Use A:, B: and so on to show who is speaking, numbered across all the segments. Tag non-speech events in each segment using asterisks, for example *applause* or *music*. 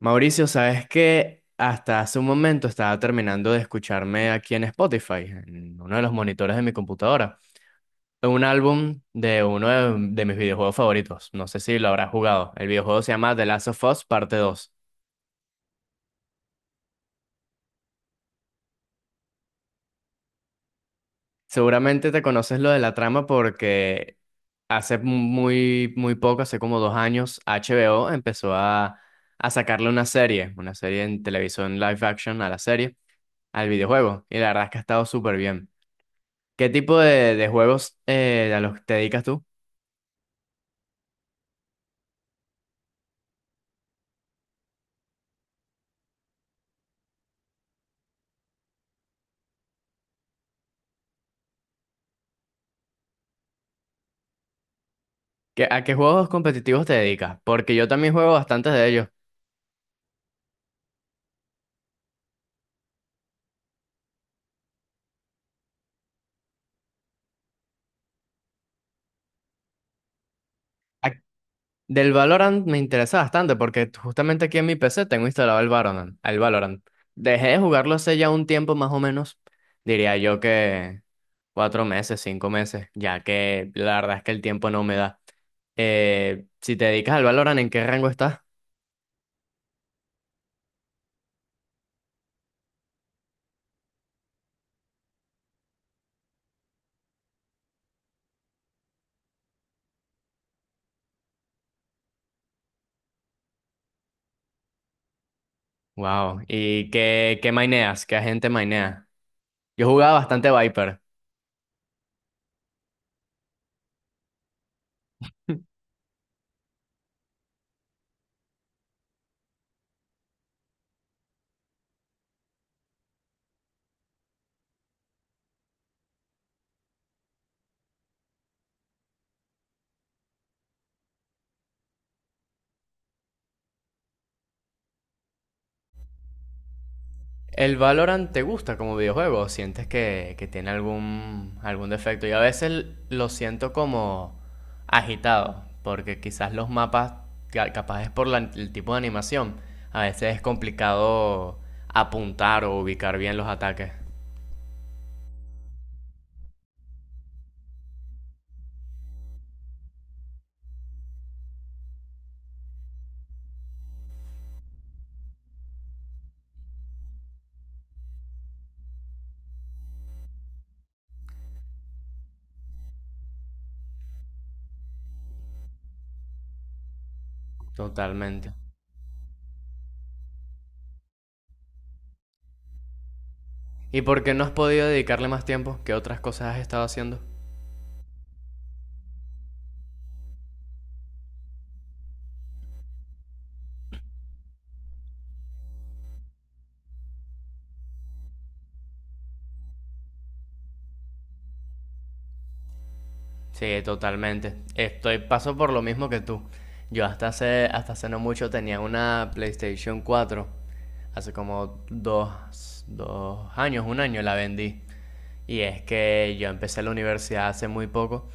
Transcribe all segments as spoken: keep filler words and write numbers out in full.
A: Mauricio, sabes que hasta hace un momento estaba terminando de escucharme aquí en Spotify, en uno de los monitores de mi computadora, un álbum de uno de, de mis videojuegos favoritos. No sé si lo habrás jugado. El videojuego se llama The Last of Us Parte dos. Seguramente te conoces lo de la trama porque hace muy, muy poco, hace como dos años, H B O empezó a, a sacarle una serie, una serie en televisión live action a la serie, al videojuego. Y la verdad es que ha estado súper bien. ¿Qué tipo de, de juegos eh, a los que te dedicas tú? ¿Qué- a qué juegos competitivos te dedicas? Porque yo también juego bastantes de ellos. A- Del Valorant me interesa bastante porque justamente aquí en mi P C tengo instalado el Valorant, el Valorant. Dejé de jugarlo hace ya un tiempo más o menos, diría yo que cuatro meses, cinco meses, ya que la verdad es que el tiempo no me da. Eh, si te dedicas al Valorant, ¿en qué rango estás? Wow. ¿Y qué, qué maineas? ¿Qué agente mainea? Yo jugaba bastante Viper. ¿El Valorant te gusta como videojuego? ¿Sientes que, que tiene algún, algún defecto? Yo a veces lo siento como agitado, porque quizás los mapas, ca- capaz es por la- el tipo de animación, a veces es complicado apuntar o ubicar bien los ataques. Totalmente. ¿Y por qué no has podido dedicarle más tiempo? ¿Qué otras cosas has estado haciendo? Sí, totalmente. Estoy paso por lo mismo que tú. Yo hasta hace, hasta hace no mucho tenía una PlayStation cuatro. Hace como dos, dos años, un año la vendí. Y es que yo empecé la universidad hace muy poco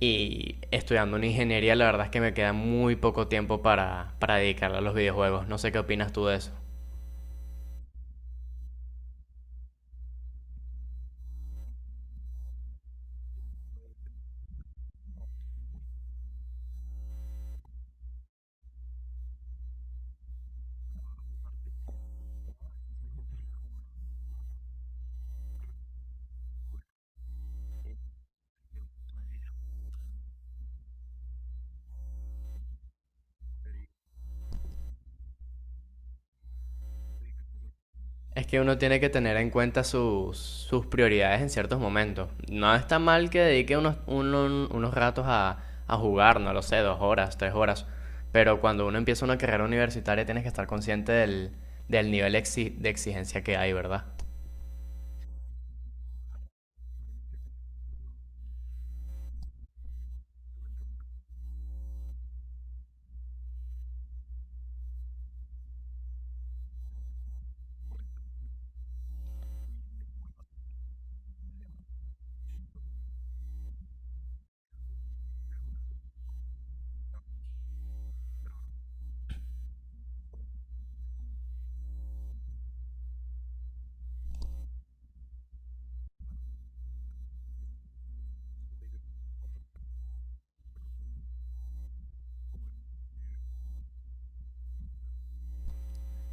A: y estudiando una ingeniería la verdad es que me queda muy poco tiempo para, para dedicarle a los videojuegos. No sé qué opinas tú de eso. Es que uno tiene que tener en cuenta sus, sus prioridades en ciertos momentos. No está mal que dedique unos, uno- unos ratos a, a jugar, no lo sé, dos horas, tres horas. Pero cuando uno empieza una carrera universitaria tienes que estar consciente del, del nivel exi- de exigencia que hay, ¿verdad?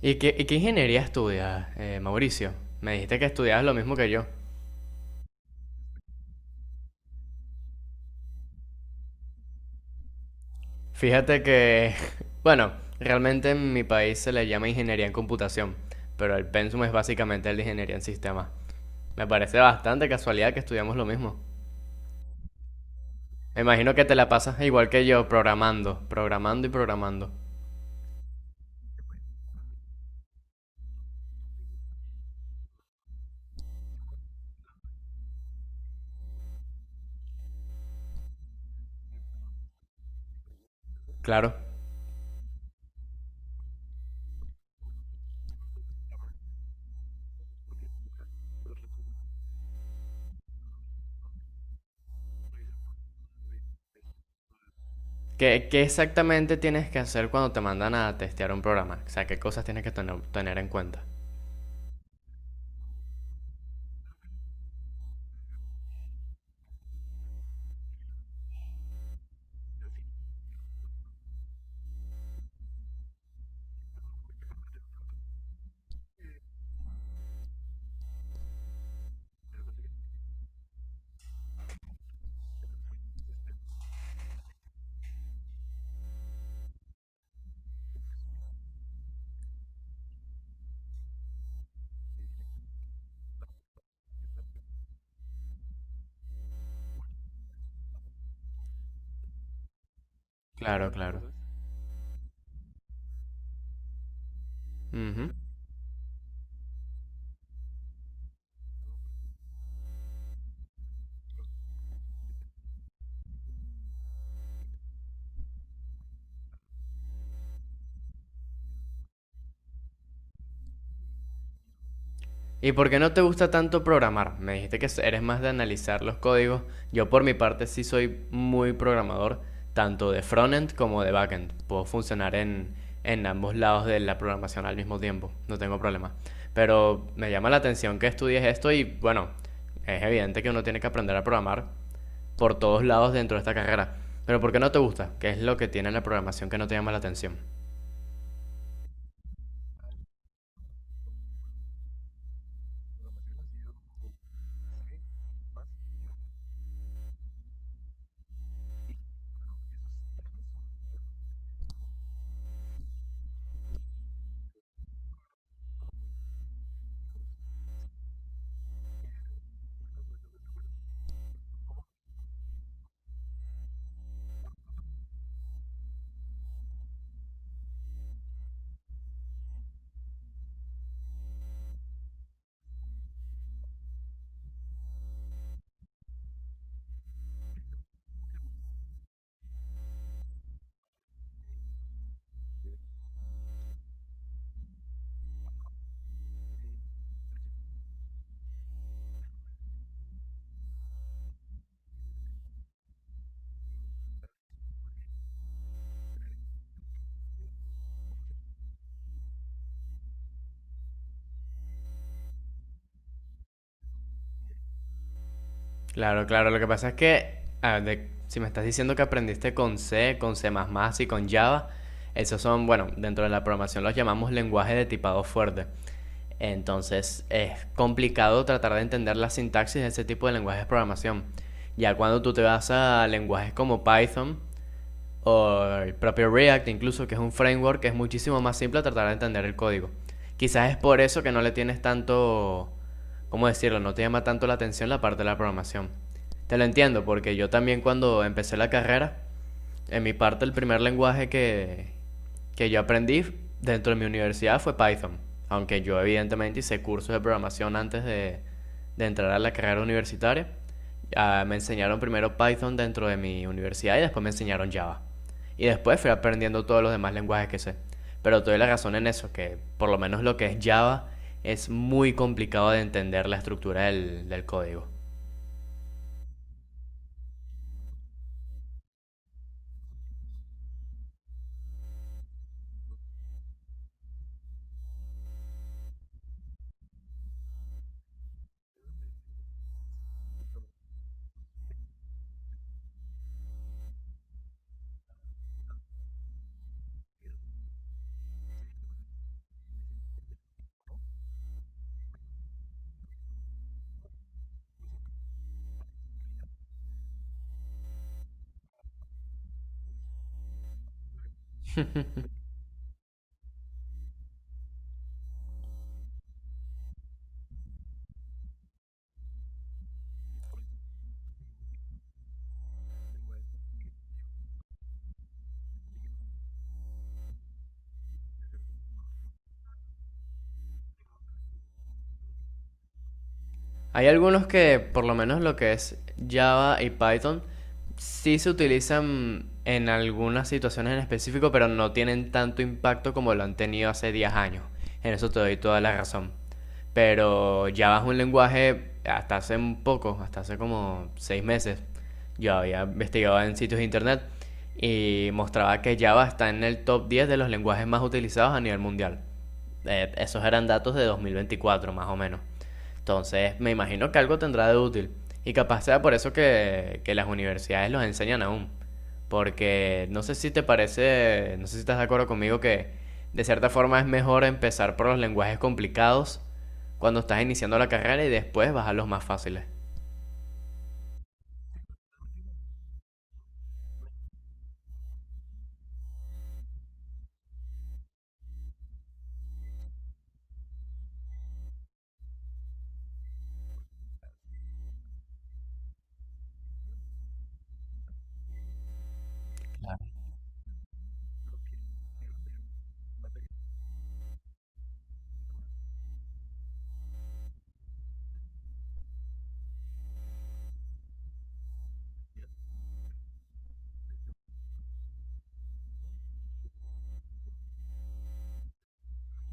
A: ¿Y qué, y qué ingeniería estudias, eh, Mauricio? Me dijiste que estudiabas lo mismo que yo. Fíjate que, *laughs* bueno, realmente en mi país se le llama ingeniería en computación, pero el pensum es básicamente el de ingeniería en sistemas. Me parece bastante casualidad que estudiamos lo mismo. Me imagino que te la pasas igual que yo, programando, programando y programando. Claro. ¿Qué, qué exactamente tienes que hacer cuando te mandan a testear un programa? O sea, ¿qué cosas tienes que tener, tener en cuenta? Claro, claro. Ujú. ¿Y por qué no te gusta tanto programar? Me dijiste que eres más de analizar los códigos. Yo por mi parte sí soy muy programador, tanto de frontend como de backend. Puedo funcionar en, en ambos lados de la programación al mismo tiempo, no tengo problema. Pero me llama la atención que estudies esto y bueno, es evidente que uno tiene que aprender a programar por todos lados dentro de esta carrera. Pero ¿por qué no te gusta? ¿Qué es lo que tiene la programación que no te llama la atención? Claro, claro. Lo que pasa es que, a ver, de- si me estás diciendo que aprendiste con C, con C++ y con Java, esos son, bueno, dentro de la programación los llamamos lenguaje de tipado fuerte. Entonces es complicado tratar de entender la sintaxis de ese tipo de lenguajes de programación. Ya cuando tú te vas a lenguajes como Python, o el propio React incluso, que es un framework que es muchísimo más simple tratar de entender el código. Quizás es por eso que no le tienes tanto, ¿cómo decirlo? No te llama tanto la atención la parte de la programación. Te lo entiendo, porque yo también cuando empecé la carrera, en mi parte, el primer lenguaje que, que yo aprendí dentro de mi universidad fue Python. Aunque yo, evidentemente, hice cursos de programación antes de, de entrar a la carrera universitaria. Ah, me enseñaron primero Python dentro de mi universidad y después me enseñaron Java. Y después fui aprendiendo todos los demás lenguajes que sé. Pero te doy la razón en eso, que por lo menos lo que es Java es muy complicado de entender la estructura del, del código. Hay algunos que, por lo menos lo que es Java y Python, sí se utilizan en algunas situaciones en específico, pero no tienen tanto impacto como lo han tenido hace diez años. En eso te doy toda la razón. Pero Java es un lenguaje hasta hace un poco, hasta hace como seis meses. Yo había investigado en sitios de internet y mostraba que Java está en el top diez de los lenguajes más utilizados a nivel mundial. Eh, esos eran datos de dos mil veinticuatro, más o menos. Entonces, me imagino que algo tendrá de útil. Y capaz sea por eso que, que las universidades los enseñan aún. Porque no sé si te parece, no sé si estás de acuerdo conmigo que de cierta forma es mejor empezar por los lenguajes complicados cuando estás iniciando la carrera y después bajar los más fáciles.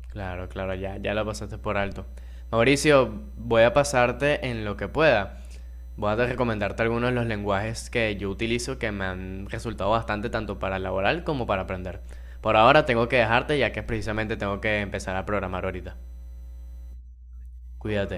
A: Claro, claro, ya, ya lo pasaste por alto. Mauricio, voy a pasarte en lo que pueda. Voy a recomendarte algunos de los lenguajes que yo utilizo que me han resultado bastante tanto para laboral como para aprender. Por ahora tengo que dejarte ya que precisamente tengo que empezar a programar ahorita. Cuídate.